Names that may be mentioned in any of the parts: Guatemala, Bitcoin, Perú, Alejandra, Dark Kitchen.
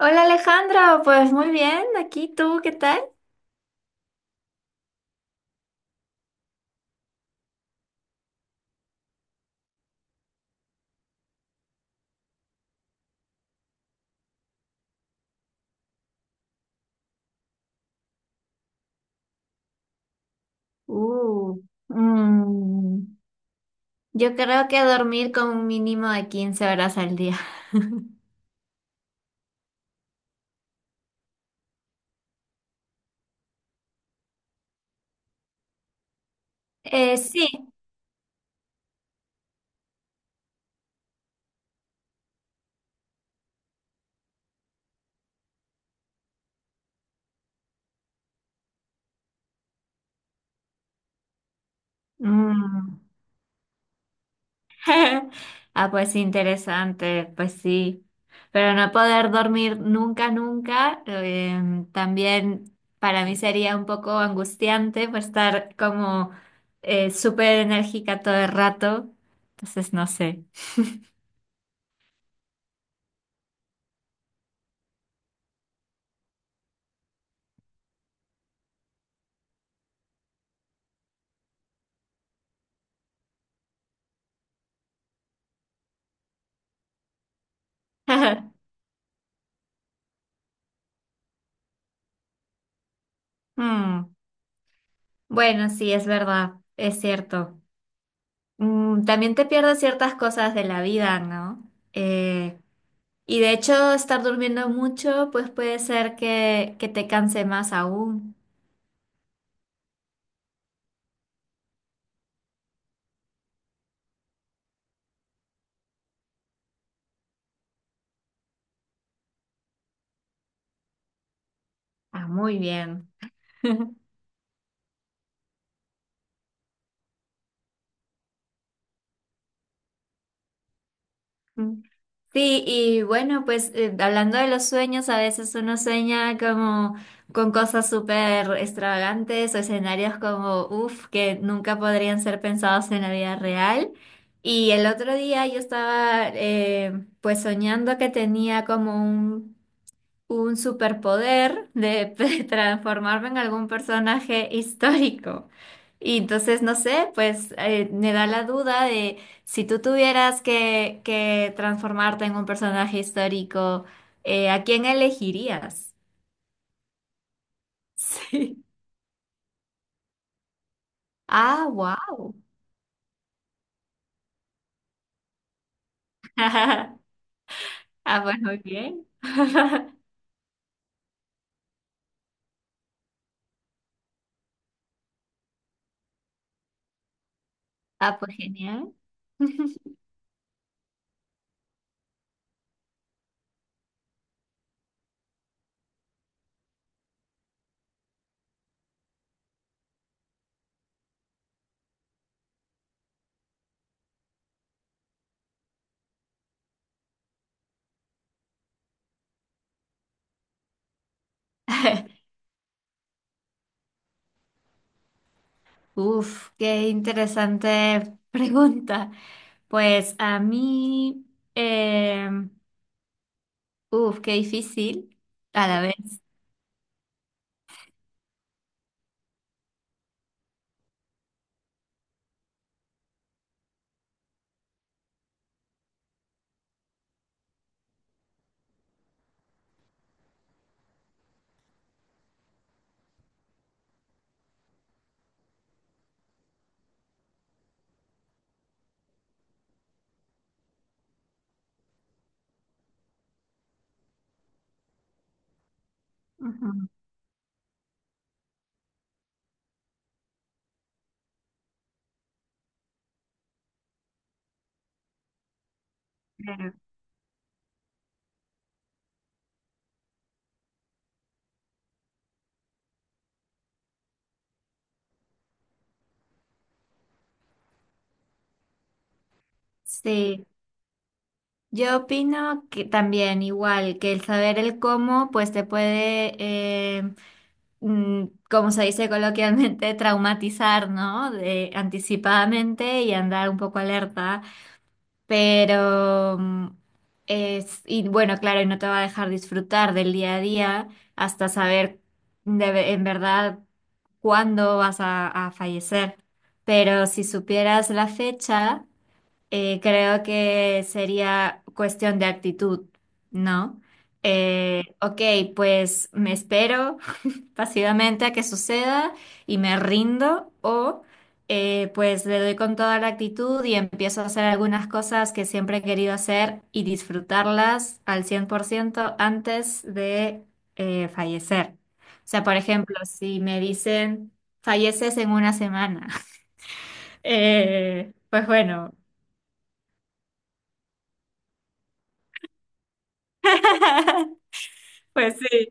Hola Alejandra, pues muy bien, aquí tú, ¿qué tal? Uh, mm, yo creo que dormir con un mínimo de 15 horas al día. Sí. Mm. Ah, pues interesante, pues sí. Pero no poder dormir nunca, nunca, también para mí sería un poco angustiante pues estar como súper enérgica todo el rato. Entonces, no sé. Mm. Bueno, sí, es verdad, es cierto. También te pierdes ciertas cosas de la vida, ¿no? Y de hecho, estar durmiendo mucho, pues puede ser que te canse más aún. Ah, muy bien. Mm. Sí, y bueno, pues hablando de los sueños, a veces uno sueña como con cosas súper extravagantes o escenarios como, uff, que nunca podrían ser pensados en la vida real. Y el otro día yo estaba pues soñando que tenía como un superpoder de, de transformarme en algún personaje histórico. Y entonces, no sé, pues me da la duda de si tú tuvieras que, transformarte en un personaje histórico, ¿a quién elegirías? Sí. Ah, wow. Ah, pues muy bien. Ah, pues genial. Uf, qué interesante pregunta. Pues a mí, em, uf, qué difícil a la vez. Ujú, claro. Sí, yo opino que también igual que el saber el cómo, pues te puede, mm, como se dice coloquialmente, traumatizar, ¿no? De, anticipadamente y andar un poco alerta. Pero es, y bueno, claro, y no te va a dejar disfrutar del día a día hasta saber de ve- en verdad cuándo vas a fallecer. Pero si supieras la fecha, creo que sería cuestión de actitud, ¿no? Ok, pues me espero pasivamente a que suceda y me rindo o pues le doy con toda la actitud y empiezo a hacer algunas cosas que siempre he querido hacer y disfrutarlas al 100% antes de fallecer. O sea, por ejemplo, si me dicen falleces en una semana, pues bueno, pues sí.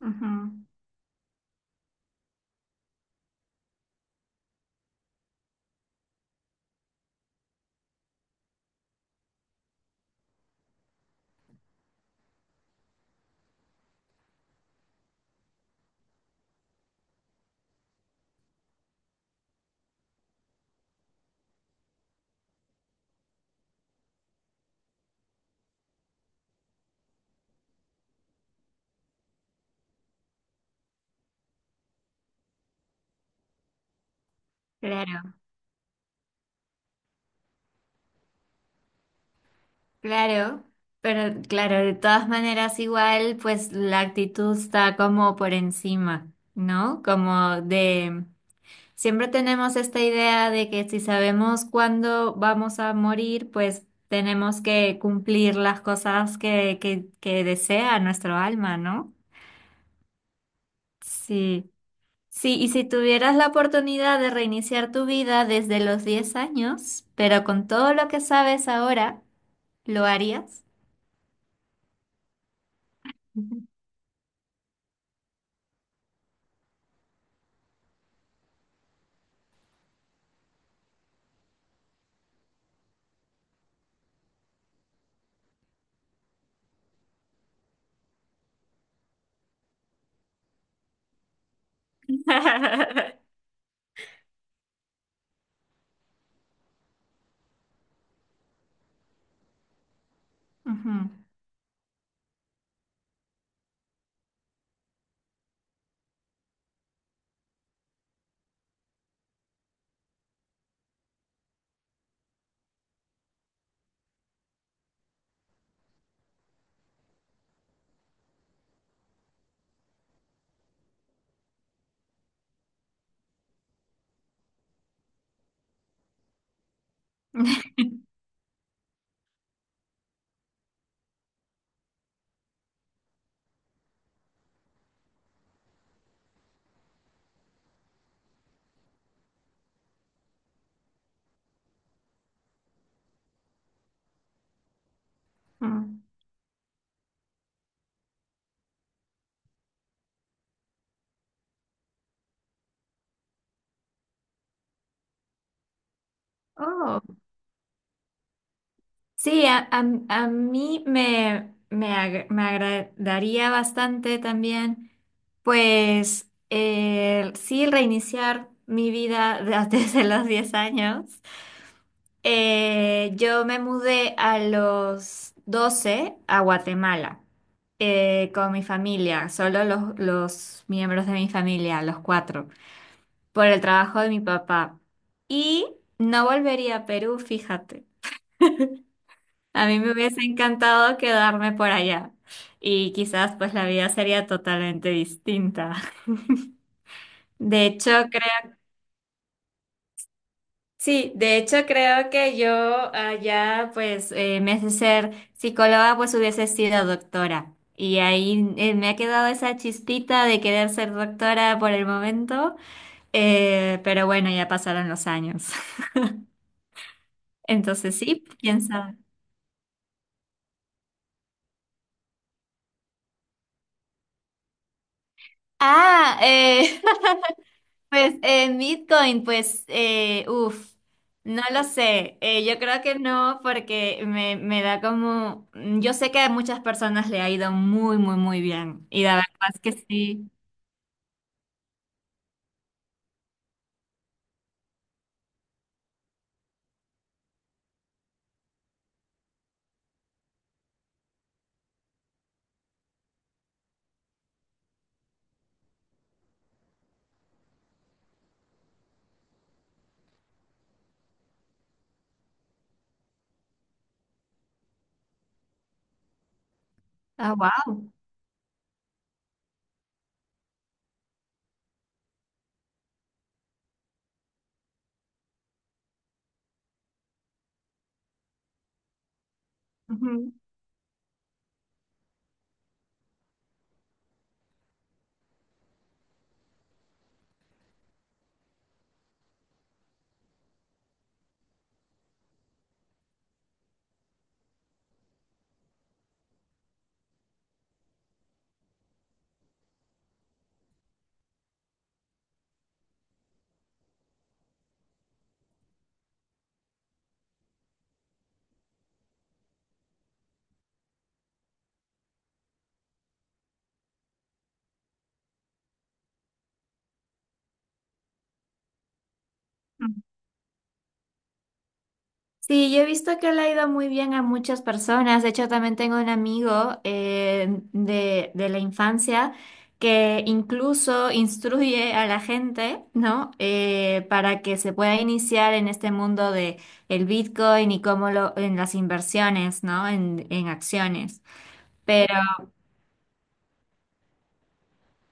Ujú, claro. Claro, pero claro, de todas maneras igual, pues la actitud está como por encima, ¿no? Como de, siempre tenemos esta idea de que si sabemos cuándo vamos a morir, pues tenemos que cumplir las cosas que desea nuestro alma, ¿no? Sí. Sí, y si tuvieras la oportunidad de reiniciar tu vida desde los 10 años, pero con todo lo que sabes ahora, ¿lo harías? Ujú, ujú. Oh, sí, a mí me agradaría bastante también, pues sí, reiniciar mi vida desde los 10 años. Yo me mudé a los 12 a Guatemala con mi familia, solo los miembros de mi familia, los cuatro, por el trabajo de mi papá. Y no volvería a Perú, fíjate. A mí me hubiese encantado quedarme por allá y quizás pues la vida sería totalmente distinta. De hecho, creo, sí, de hecho creo que yo allá pues en vez de ser psicóloga pues hubiese sido doctora. Y ahí me ha quedado esa chispita de querer ser doctora por el momento, pero bueno, ya pasaron los años. Entonces sí, quién sabe. Ah, pues en Bitcoin, pues, uff, no lo sé. Yo creo que no, porque me da como. Yo sé que a muchas personas le ha ido muy, muy, muy bien. Y la verdad es que sí. Ah, wow. Sí, yo he visto que le ha ido muy bien a muchas personas. De hecho, también tengo un amigo de la infancia que incluso instruye a la gente, ¿no? Para que se pueda iniciar en este mundo de el Bitcoin y cómo lo, en las inversiones, ¿no? En acciones. Pero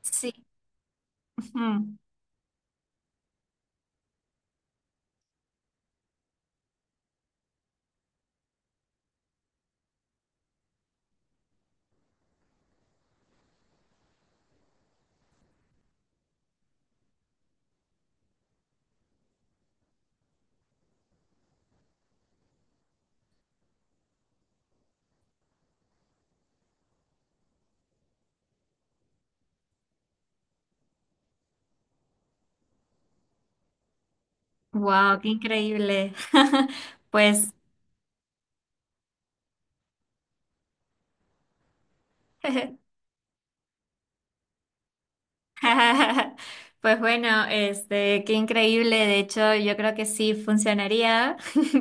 sí. Wow, qué increíble. Pues pues bueno, este, qué increíble. De hecho, yo creo que sí funcionaría.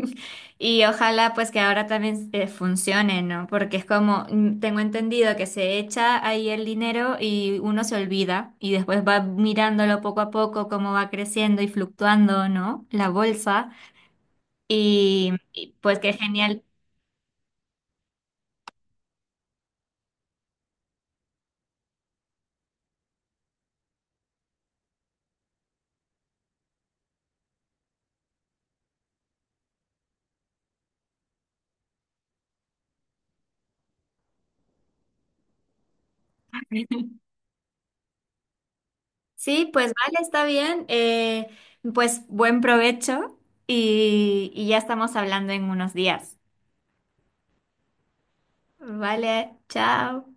Y ojalá pues que ahora también funcione, ¿no? Porque es como, tengo entendido que se echa ahí el dinero y uno se olvida y después va mirándolo poco a poco cómo va creciendo y fluctuando, ¿no? La bolsa. Y pues qué genial. Sí, pues vale, está bien. Pues buen provecho y ya estamos hablando en unos días. Vale, chao.